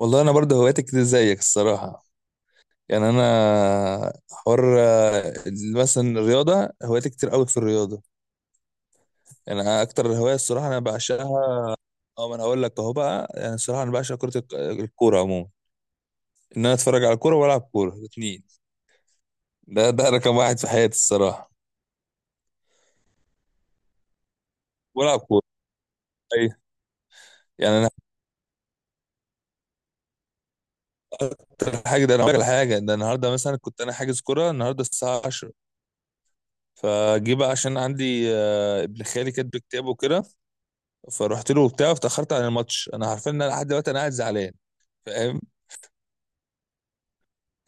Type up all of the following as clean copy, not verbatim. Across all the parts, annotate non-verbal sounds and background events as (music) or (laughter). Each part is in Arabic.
والله انا برضه هواياتي كتير زيك الصراحه. يعني انا حوار مثلا الرياضه هواياتي كتير قوي في الرياضه. يعني أنا اكتر هوايه الصراحه انا بعشقها. اه ما انا هقول لك اهو بقى، يعني الصراحه انا بعشق كره الكوره عموما، ان انا اتفرج على الكوره والعب كوره الاثنين. ده رقم واحد في حياتي الصراحه. والعب كوره. ايوه. يعني انا حتى الحاجه ده انا هقول لك على حاجه، ده النهارده مثلا كنت انا حاجز كوره النهارده الساعه 10، فجه بقى عشان عندي ابن خالي كاتب كتابه كده، فرحت له وبتاع فتأخرت عن الماتش، انا عارفين ان انا لحد دلوقتي انا قاعد زعلان. فاهم؟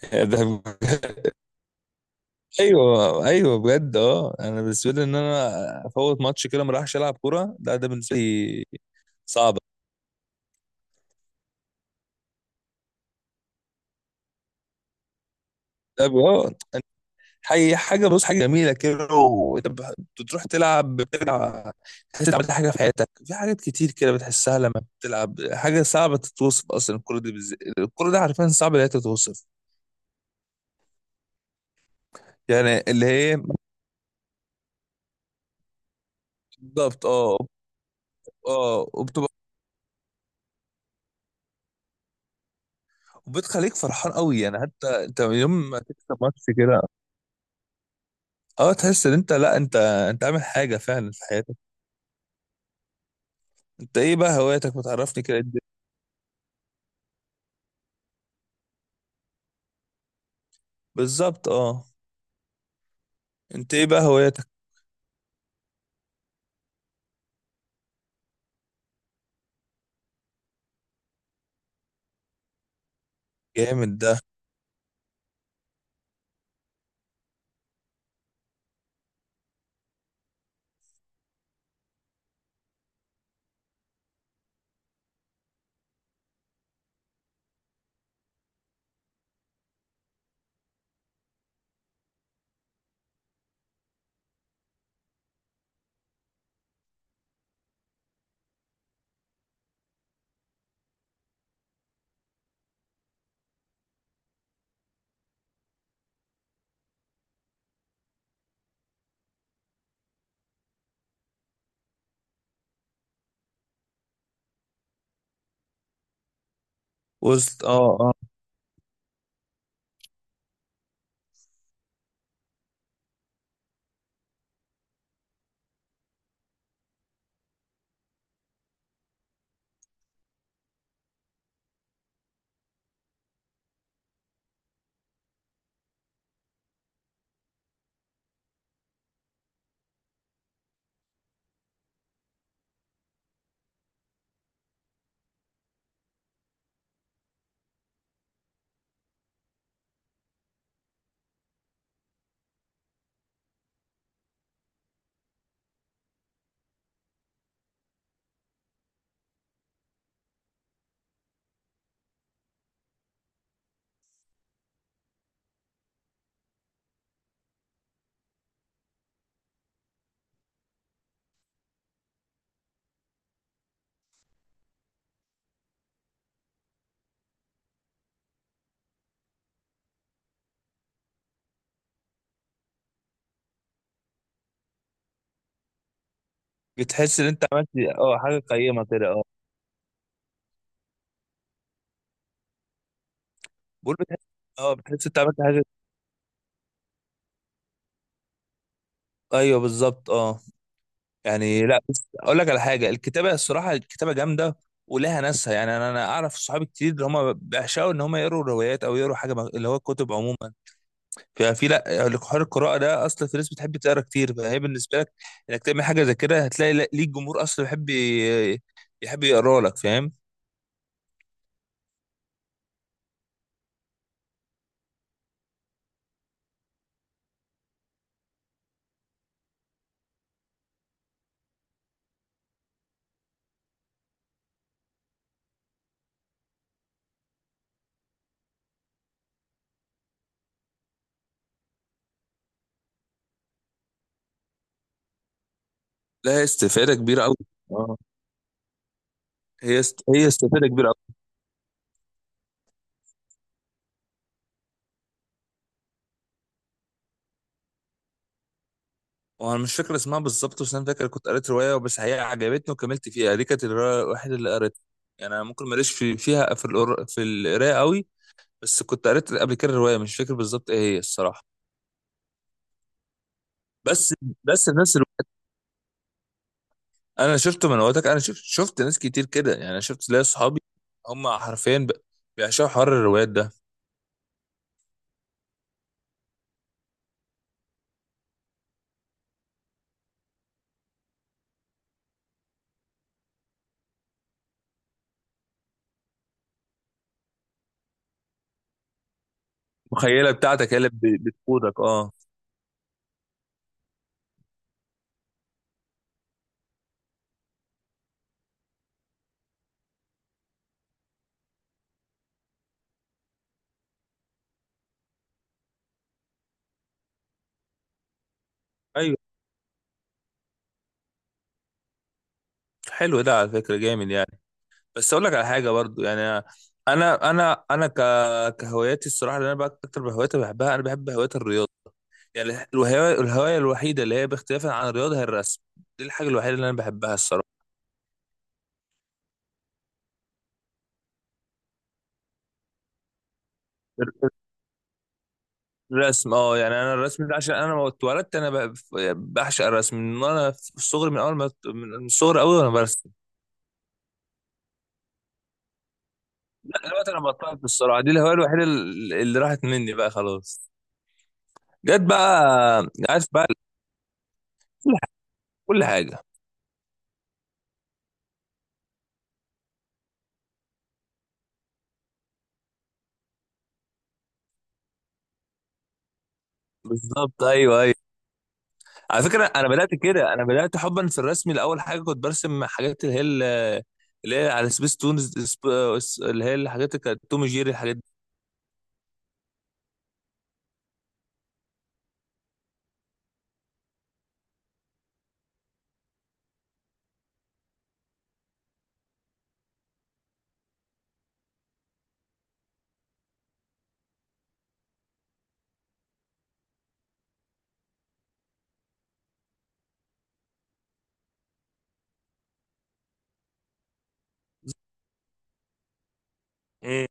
(laughs) ده ايوه ايوه بجد اه. انا بالنسبه لي ان انا افوت ماتش كده ما راحش العب كوره، ده بالنسبه لي صعبه. ده ب- اه حي- حاجه بص، حاجه جميله كده وانت بتروح تلعب، بتلعب تحس انت عملت حاجه في حياتك، في حاجات كتير كده بتحسها لما بتلعب. حاجه صعبه تتوصف اصلا الكوره دي، بالذات الكوره دي عارفين صعب ان هي تتوصف. يعني اللي هي بالظبط اه اه. وبتخليك فرحان قوي يعني، حتى انت يوم ما تكسب ماتش كده، اه تحس ان انت لا انت انت عامل حاجه فعلا في حياتك. انت ايه بقى هواياتك؟ بتعرفني كده الدنيا. بالظبط اه. انت ايه بقى هواياتك؟ جامد ده. وسط اه اه. بتحس ان انت عملت اه حاجه قيمه كده اه. بقول بتحس اه، بتحس انت عملت حاجه. ايوه بالظبط اه. يعني لا بس اقول لك على حاجه، الكتابه الصراحه الكتابه جامده، ولها ناسها يعني. انا اعرف صحابي كتير اللي هم بيعشقوا ان هم يقروا روايات او يقروا حاجه اللي هو كتب عموما. ففي لا لك حوار القراءه ده، اصلا في ناس بتحب تقرا كتير، فهي بالنسبه لك انك تعمل حاجه زي كده هتلاقي ليك جمهور اصلا بيحب يحب يقرا لك. فاهم؟ لا هي استفاده كبيره قوي اه. هي استفاده كبيره قوي. وانا مش فاكر اسمها بالظبط، بس انا فاكر كنت قريت روايه بس هي عجبتني وكملت فيها، دي كانت الروايه الوحيده اللي قريتها. يعني انا ممكن ماليش في فيها في في القرايه قوي، بس كنت قريت قبل كده الروايه، مش فاكر بالظبط ايه هي الصراحه. بس بس الناس انا شفته من وقتك، انا شفت ناس كتير كده. يعني انا شفت ليا صحابي هم حرفيا بيعشقوا حر الروايات ده. مخيله بتاعتك هي اللي بتقودك اه. ايوه حلو ده على فكره جامد يعني. بس اقول لك على حاجه برضو يعني، انا انا انا ك... كهواياتي الصراحه، اللي انا بقى اكتر هوايات بحبها انا بحب هوايه الرياضه. يعني الهوايه الوحيده اللي هي باختلافا عن الرياضه هي الرسم. دي الحاجه الوحيده اللي انا بحبها الصراحه. الرسم اه. يعني انا الرسم ده عشان انا ما اتولدت انا بعشق الرسم من وانا في الصغر، من اول ما من الصغر قوي وانا برسم. لا دلوقتي انا بطلت الصراحه، دي الهوايه الوحيده اللي راحت مني بقى خلاص. جت بقى. عارف بقى. كل ح- كل حاجه. بالظبط ايوه ايوه. على فكره انا بدات كده، انا بدات حبا في الرسم. لاول حاجه كنت برسم حاجات اللي هي اللي هي على سبيس تونز، اللي هي الحاجات اللي كانت توم جيري الحاجات دي.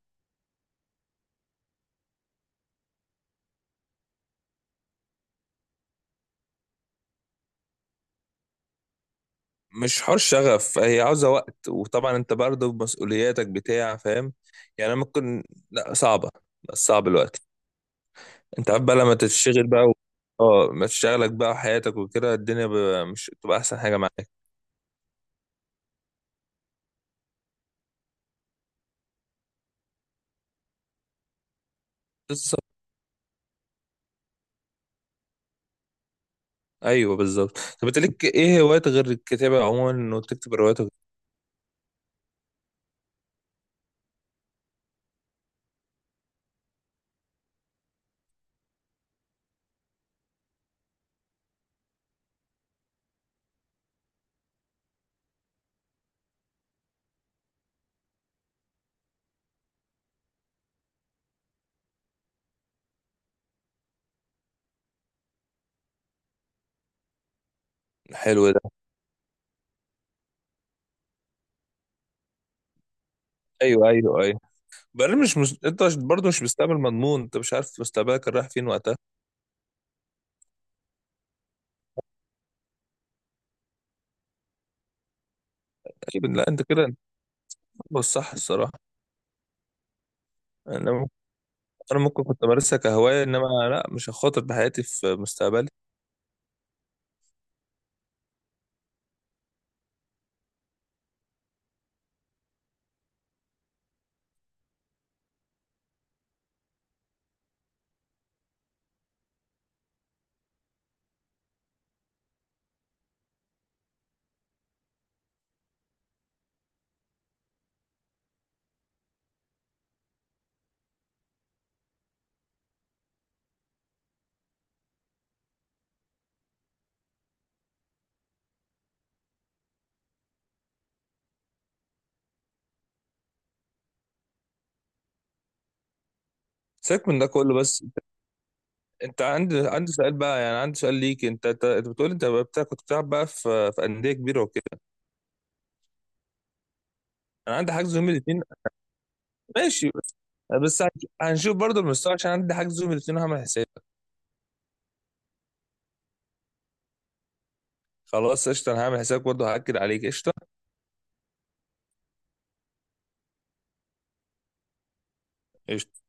مش حوار شغف، هي عاوزة وقت، وطبعا انت برضه بمسؤولياتك بتاع. فاهم؟ يعني أنا ممكن لا صعبة، بس صعب الوقت. انت عارف بقى لما تشتغل بقى و... اه ما تشتغلك بقى وحياتك وكده الدنيا ب... مش تبقى احسن حاجة معاك. بالظبط. ايوه بالظبط. طب انت ليك ايه هوايات غير الكتابة عموما انه تكتب روايات وكده؟ حلو ده. ايوه ايوه ايوه. بعدين مش مس... انت برضه مش مستقبل مضمون، انت مش عارف مستقبلك رايح فين وقتها. ايوه لا انت كده انت بتفكر الصح الصراحة. انا انا ممكن كنت امارسها كهوايه، انما لا مش هخاطر بحياتي في مستقبلي. سيبك من ده كله. بس انت أنت عندي سؤال بقى، يعني عندي سؤال ليك. انت أنت بتقول انت بقى بتاع كنت بتلعب بقى في انديه كبيره وكده. انا عندي حجز يوم الاثنين ماشي، بس بس هنشوف برضه المستوى، عشان عندي حجز يوم الاثنين هعمل حساب. خلاص قشطه، انا هعمل حسابك برضه هاكد عليك. قشطه قشطة.